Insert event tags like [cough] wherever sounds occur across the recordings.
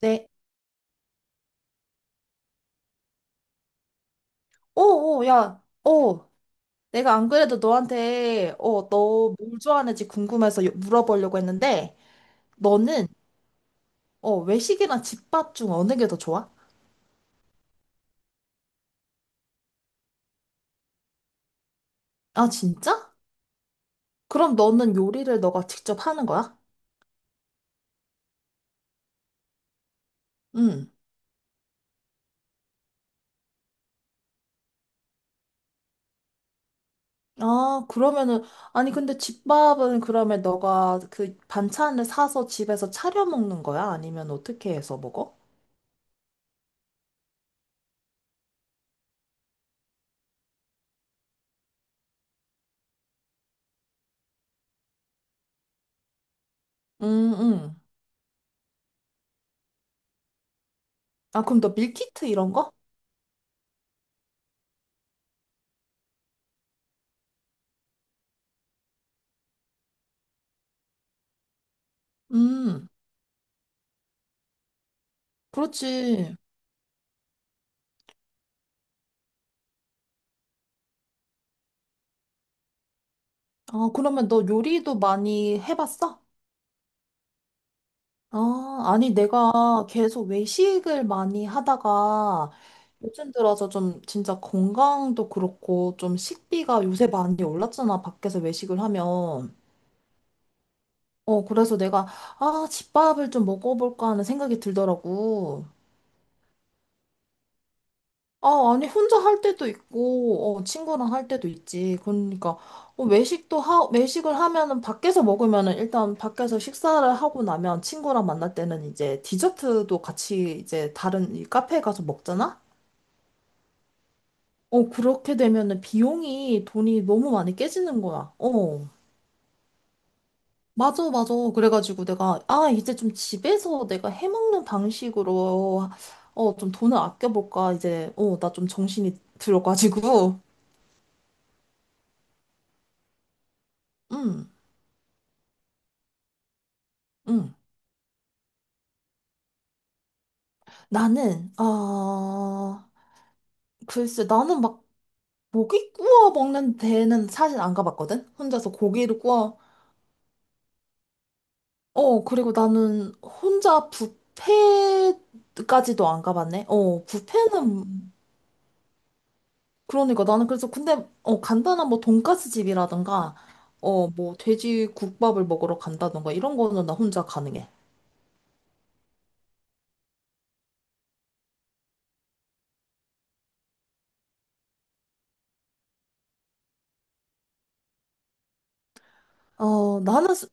네. 오, 오, 야, 오. 내가 안 그래도 너한테, 너 뭘 좋아하는지 궁금해서 물어보려고 했는데, 너는, 외식이랑 집밥 중 어느 게 더 좋아? 아, 진짜? 그럼 너는 요리를 너가 직접 하는 거야? 응. 아, 그러면은, 아니, 근데 집밥은 그러면 너가 그 반찬을 사서 집에서 차려 먹는 거야? 아니면 어떻게 해서 먹어? 응 응. 아, 그럼 너 밀키트 이런 거? 음, 그렇지. 아, 그러면 너 요리도 많이 해봤어? 아, 아니, 내가 계속 외식을 많이 하다가 요즘 들어서 좀 진짜 건강도 그렇고 좀 식비가 요새 많이 올랐잖아, 밖에서 외식을 하면. 어, 그래서 내가, 아, 집밥을 좀 먹어볼까 하는 생각이 들더라고. 아, 아니, 혼자 할 때도 있고, 어, 친구랑 할 때도 있지. 그러니까, 외식을 하면은, 밖에서 먹으면은, 일단 밖에서 식사를 하고 나면, 친구랑 만날 때는 이제 디저트도 같이 이제 다른 이 카페에 가서 먹잖아? 어, 그렇게 되면은 비용이 돈이 너무 많이 깨지는 거야. 어. 맞아, 맞아. 그래가지고 내가, 아, 이제 좀 집에서 내가 해먹는 방식으로, 어, 좀 돈을 아껴볼까. 이제, 어, 나 좀 정신이 들어가지고. 응, 응. 나는, 아 글쎄, 나는 고기 구워 먹는 데는 사실 안 가봤거든? 혼자서 고기를 구워. 어, 그리고 나는 혼자 뷔페까지도 안 가봤네? 어, 뷔페는, 그러니까 나는 그래서 근데, 간단한 뭐 돈까스 집이라든가, 뭐 돼지 국밥을 먹으러 간다든가 이런 거는 나 혼자 가능해. 어, 나는, 스-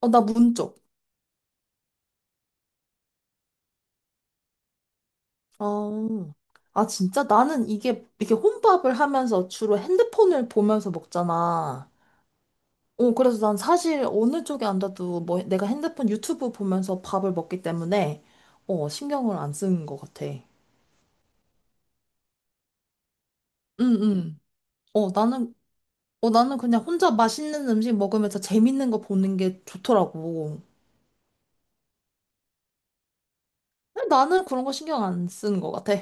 어, 나 문쪽. 어. 아, 진짜? 나는 이게 혼밥을 하면서 주로 핸드폰을 보면서 먹잖아. 어, 그래서 난 사실 어느 쪽에 앉아도 뭐 내가 핸드폰 유튜브 보면서 밥을 먹기 때문에, 신경을 안 쓰는 것 같아. 응, 응. 어, 나는, 어, 나는 그냥 혼자 맛있는 음식 먹으면서 재밌는 거 보는 게 좋더라고. 나는 그런 거 신경 안 쓰는 것 같아.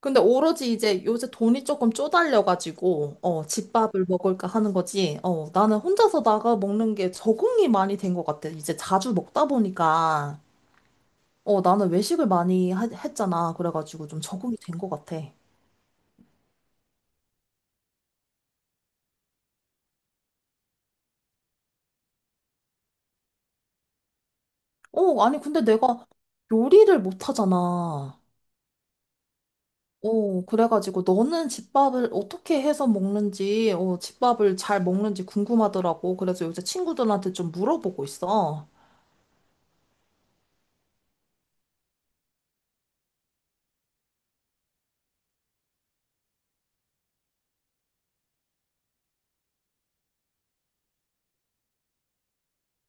근데 오로지 이제 요새 돈이 조금 쪼달려가지고, 집밥을 먹을까 하는 거지. 어, 나는 혼자서 나가 먹는 게 적응이 많이 된 것 같아. 이제 자주 먹다 보니까, 나는 했잖아. 그래가지고 좀 적응이 된 것 같아. 어, 아니, 근데 내가 요리를 못 하잖아. 어, 그래가지고 너는 집밥을 어떻게 해서 먹는지, 집밥을 잘 먹는지 궁금하더라고. 그래서 요새 친구들한테 좀 물어보고 있어.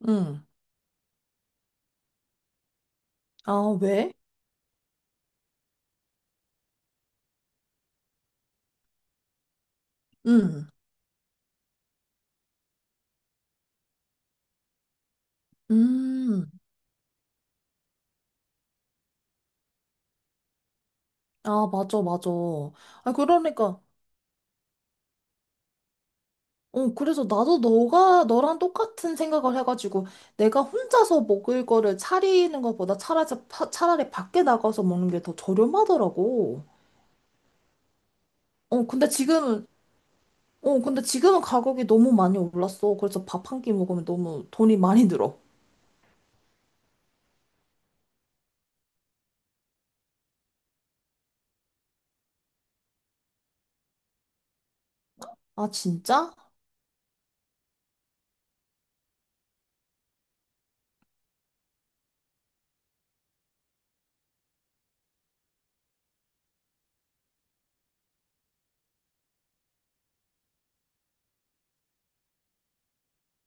응. 아, 왜? 응. 음, 아, 맞아, 맞아. 아, 그러니까, 그래서 나도 너랑 똑같은 생각을 해가지고, 내가 혼자서 먹을 거를 차리는 것보다 차라리 밖에 나가서 먹는 게 더 저렴하더라고. 어, 근데 지금은, 어, 근데 지금은 가격이 너무 많이 올랐어. 그래서 밥 한 끼 먹으면 너무 돈이 많이 들어. 아, 진짜?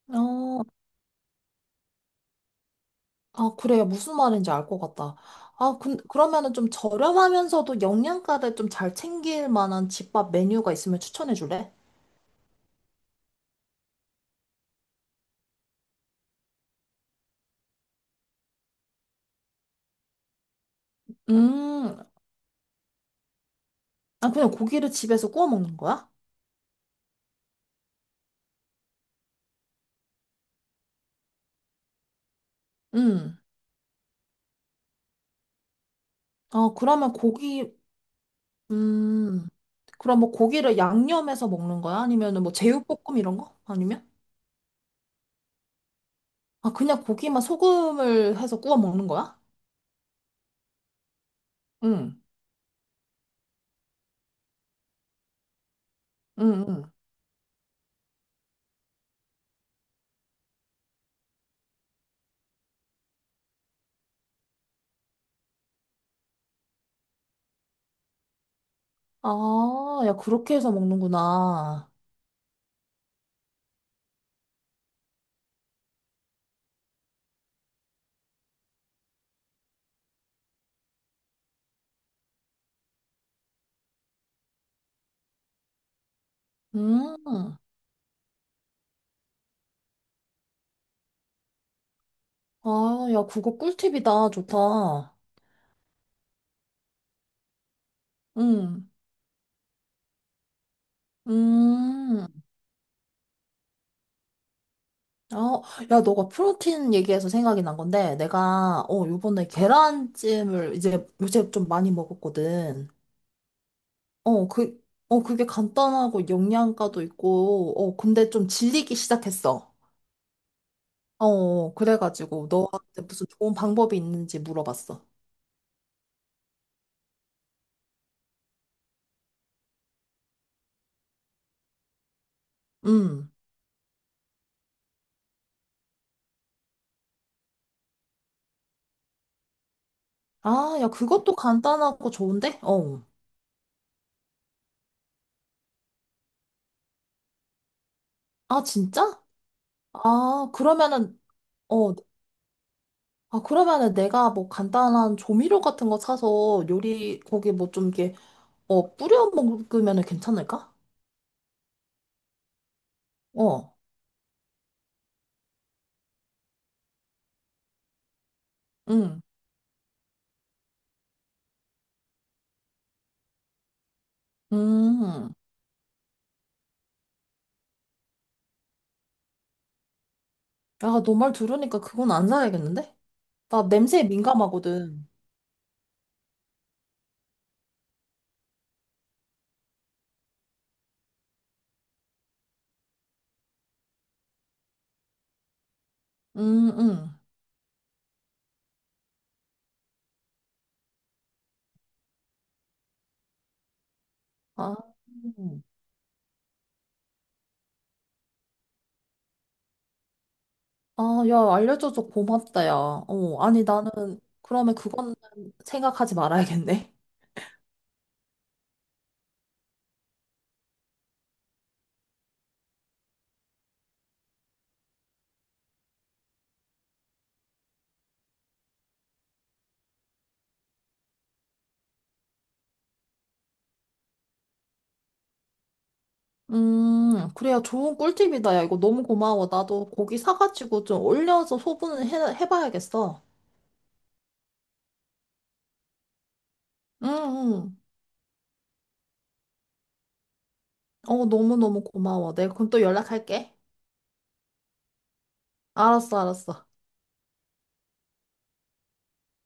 어, 아, 그래요. 무슨 말인지 알 것 같다. 그러면은 좀 저렴하면서도 영양가를 좀 잘 챙길 만한 집밥 메뉴가 있으면 추천해 줄래? 음, 아, 그냥 고기를 집에서 구워 먹는 거야? 음, 아, 그러면 고기, 음, 그럼 뭐 고기를 양념해서 먹는 거야? 아니면은 뭐 제육볶음 이런 거? 아니면? 아, 그냥 고기만 소금을 해서 구워 먹는 거야? 응, 응, 응. 아, 야, 그렇게 해서 먹는구나. 음. 아, 야, 그거 꿀팁이다. 좋다. 응. 음. 아, 야, 너가 프로틴 얘기해서 생각이 난 건데, 내가, 어, 요번에 계란찜을 이제 요새 좀 많이 먹었거든. 어, 그, 어, 그게 간단하고 영양가도 있고, 어, 근데 좀 질리기 시작했어. 어, 그래가지고 너한테 무슨 좋은 방법이 있는지 물어봤어. 음. 아, 야, 그것도 간단하고 좋은데? 어. 아, 진짜? 아, 그러면은, 어, 아, 그러면은 내가 뭐 간단한 조미료 같은 거 사서 거기 뭐 좀 이렇게, 어, 뿌려 먹으면은 괜찮을까? 어, 응, 음. 야, 너 말 들으니까 그건 안 사야겠는데? 나 냄새에 민감하거든. 음, 음. 아, 음. 아, 야, 알려줘서 고맙다, 야. 어, 아니, 나는, 그러면 그건 생각하지 말아야겠네. [laughs] 그래야 좋은 꿀팁이다. 야, 이거 너무 고마워. 나도 고기 사가지고 좀 올려서 해봐야겠어. 응, 응. 어, 너무너무 고마워. 내가 그럼 또 연락할게. 알았어, 알았어.